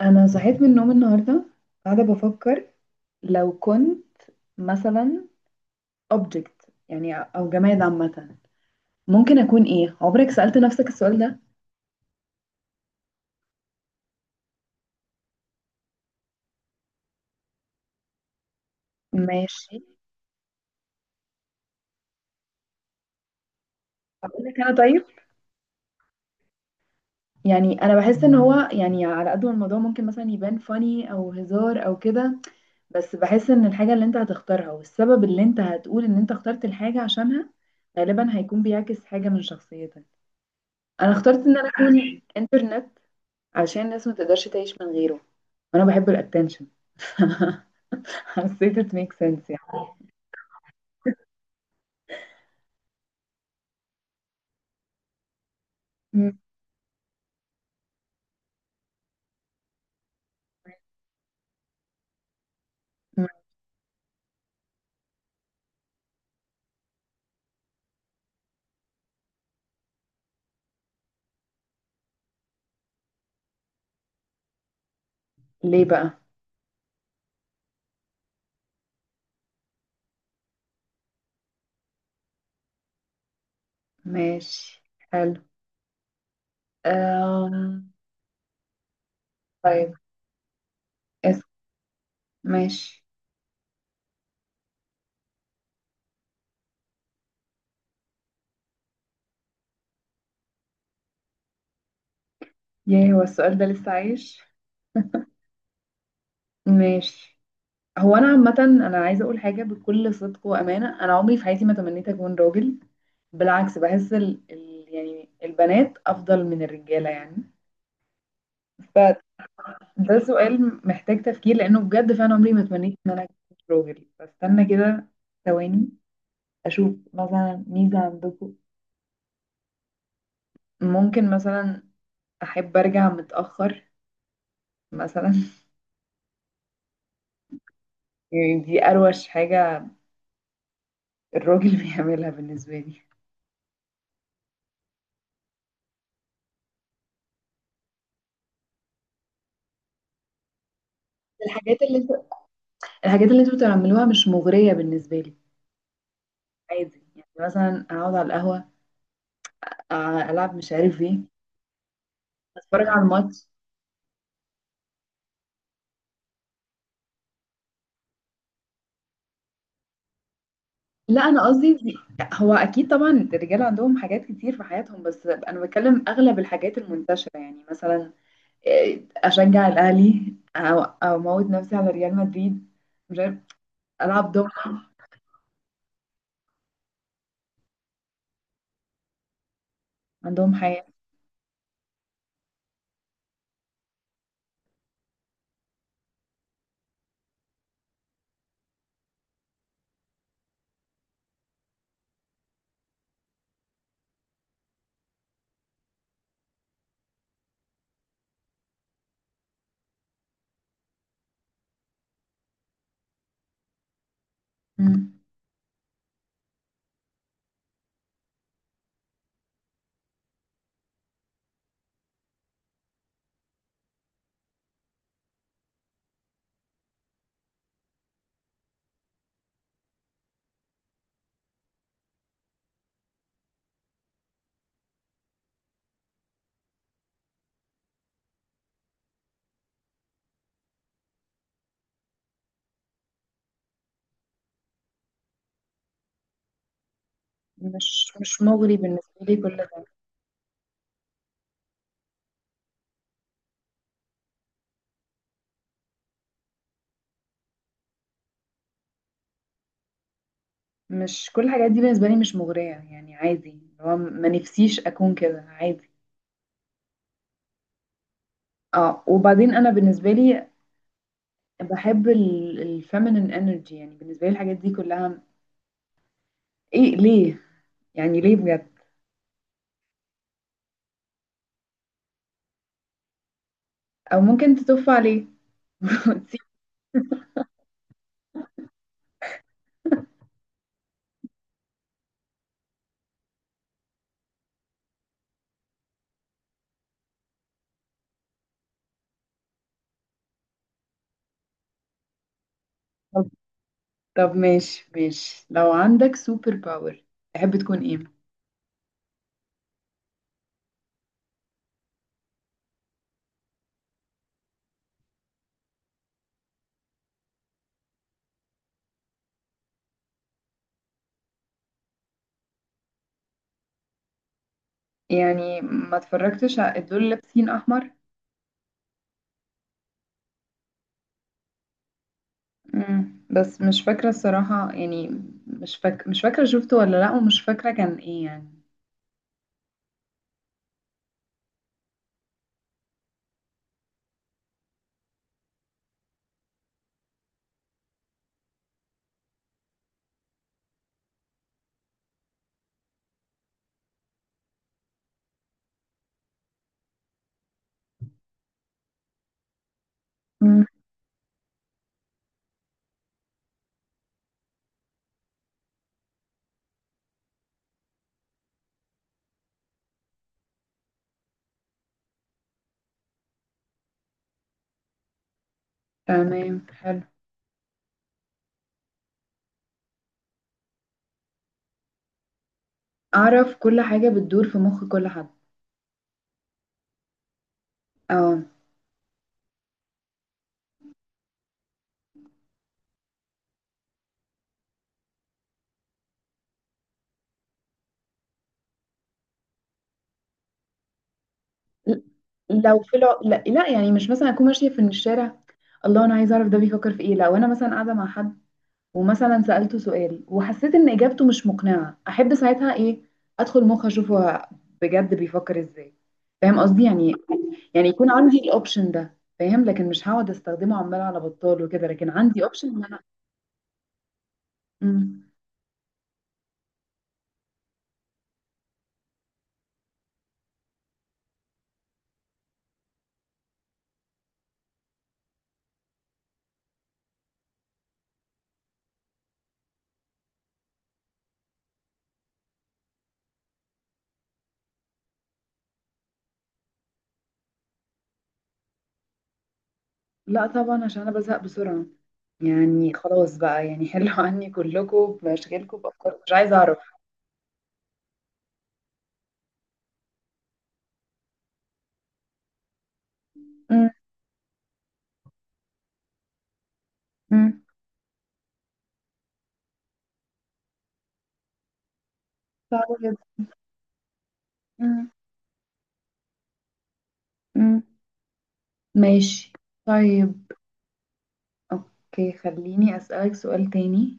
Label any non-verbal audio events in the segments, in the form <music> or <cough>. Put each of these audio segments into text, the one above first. انا صحيت من النوم النهارده، قاعده بفكر لو كنت مثلا object، يعني او جماد عامه، ممكن اكون ايه؟ عمرك سألت نفسك السؤال ده؟ ماشي. اقول لك انا. طيب، يعني انا بحس ان هو، يعني، على قد ما الموضوع ممكن مثلا يبان فاني او هزار او كده، بس بحس ان الحاجه اللي انت هتختارها والسبب اللي انت هتقول ان انت اخترت الحاجه عشانها غالبا هيكون بيعكس حاجه من شخصيتك. انا اخترت ان انا اكون انترنت عشان الناس ما تقدرش تعيش من غيره، وانا بحب الاتنشن. <laughs> حسيت it makes sense يعني. مم. مم. ليه بقى؟ ماشي. حلو. أم... طيب. اسم. ماشي. ياه، هو السؤال ده لسه عايش؟ ماشي. هو انا عامة، انا عايزة اقول حاجة بكل صدق وامانة، انا عمري في حياتي ما تمنيت اكون راجل. بالعكس، بحس يعني البنات افضل من الرجالة يعني. ده سؤال محتاج تفكير لانه بجد فعلا عمري ما تمنيت ان انا اكون راجل. بستنى كده ثواني، اشوف مثلا ميزة عندكم، ممكن مثلا احب ارجع متأخر مثلا. <laughs> يعني دي اروش حاجة الراجل <laughs> بيعملها بالنسبة لي. الحاجات اللي انتوا الحاجات اللي انتوا بتعملوها مش مغرية بالنسبة لي. عادي، يعني مثلا اقعد على القهوة، أ- العب مش عارف ايه، اتفرج على الماتش. لا، انا قصدي. هو اكيد طبعا الرجال عندهم حاجات كتير في حياتهم، بس انا بتكلم اغلب الحاجات المنتشره، يعني مثلا، إيه، اشجع الاهلي او اموت نفسي على ريال مدريد، مش عارف، العب دومنة، عندهم حياه. مم. مش مغري بالنسبه لي كل ده. مش كل الحاجات دي بالنسبه لي مش مغريه، يعني عادي، اللي هو ما نفسيش اكون كده، عادي. اه، وبعدين انا بالنسبه لي بحب الفيمينين انرجي، يعني بالنسبه لي الحاجات دي كلها ايه؟ ليه يعني؟ ليه بجد؟ او ممكن تطف عليه <laughs> وتسيب. طب طب، ماشي ماشي، لو عندك سوبر باور تحب تكون ايه؟ يعني ما اتفرجتش على دول لابسين احمر. مم. بس مش فاكره الصراحه يعني، مش فاكره شفته ولا لا، ومش فاكره كان ايه يعني. مم. تمام، حلو. اعرف كل حاجه بتدور في مخ كل حد. اه. ل- لا لا، يعني مش مثلا اكون ماشيه في الشارع. الله، انا عايزه اعرف ده بيفكر في ايه، لو انا مثلا قاعده مع حد ومثلا سألته سؤال وحسيت ان اجابته مش مقنعة، احب ساعتها ايه، ادخل مخ اشوف هو بجد بيفكر ازاي، فاهم قصدي يعني. يعني يكون عندي الاوبشن ده، فاهم، لكن مش هقعد استخدمه عمال على بطال وكده، لكن عندي اوبشن ان انا. مم. لا طبعا، عشان انا بزهق بسرعة، يعني خلاص بقى، يعني حلوا <laughs> عني كلكم بمشاكلكم بأفكاركم، مش عايزة اعرف. مم. مم. صعب جدا. مم. مم. ماشي. طيب. اوكي، خليني اسألك سؤال تاني.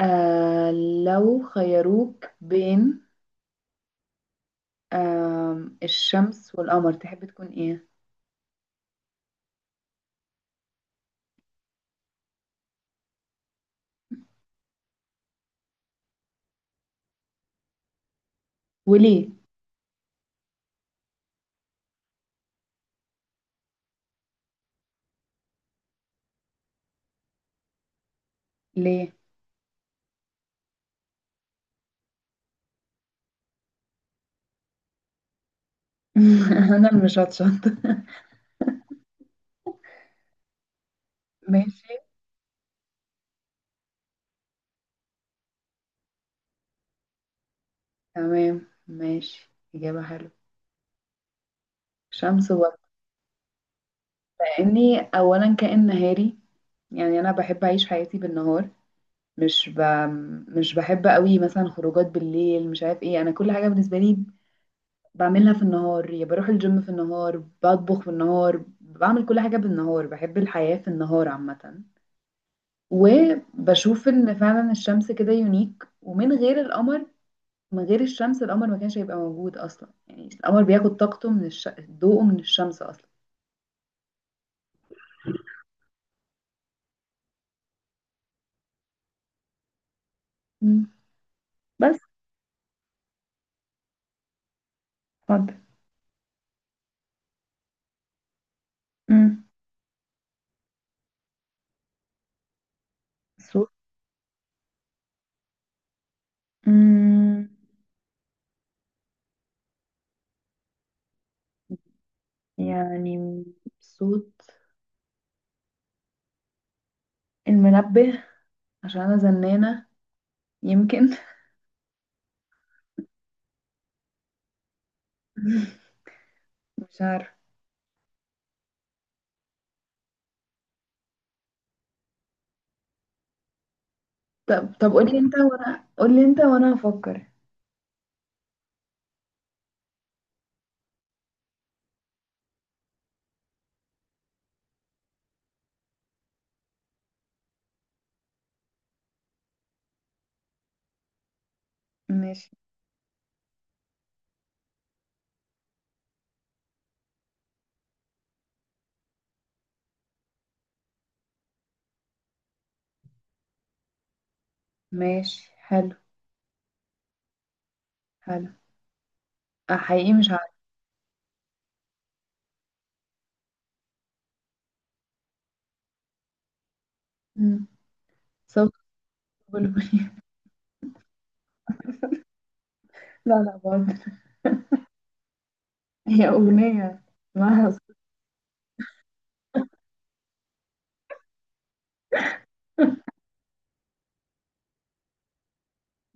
آه لو خيروك بين الشمس والقمر، تحب تكون ايه وليه؟ ليه؟ <laughs> انا اللي مش هتشطر. <laughs> ماشي، تمام، ماشي، اجابة حلوة. شمس ولا؟ لاني اولا كائن نهاري، يعني انا بحب اعيش حياتي بالنهار، مش ب... مش بحب قوي مثلا خروجات بالليل، مش عارف ايه، انا كل حاجة بالنسبة لي بعملها في النهار، يا بروح الجيم في النهار، بطبخ في النهار، بعمل كل حاجة بالنهار، بحب الحياة في النهار عامة. وبشوف ان فعلا الشمس كده يونيك، ومن غير القمر، من غير الشمس القمر ما كانش هيبقى موجود اصلا، يعني القمر بياخد طاقته ضوءه من الشمس اصلا. مم. بس. اتفضل. مم. صوت. مم. يعني صوت المنبه، عشان انا زنانة يمكن. <laughs> مش عارفة. طب، قولي انت وانا هفكر. ماشي ماشي، حلو حلو. آه، حقيقي مش عارفة. مم. صوت البلبل. <laughs> لا لا برضه. هي أغنية اسمها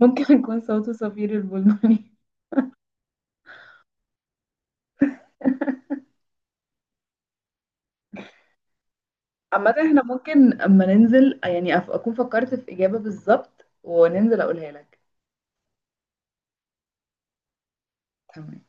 ممكن يكون صوته صفير البلبلي. عامة احنا ممكن أما ننزل، يعني، أكون فكرت في إجابة بالظبط وننزل أقولها لك. تمام.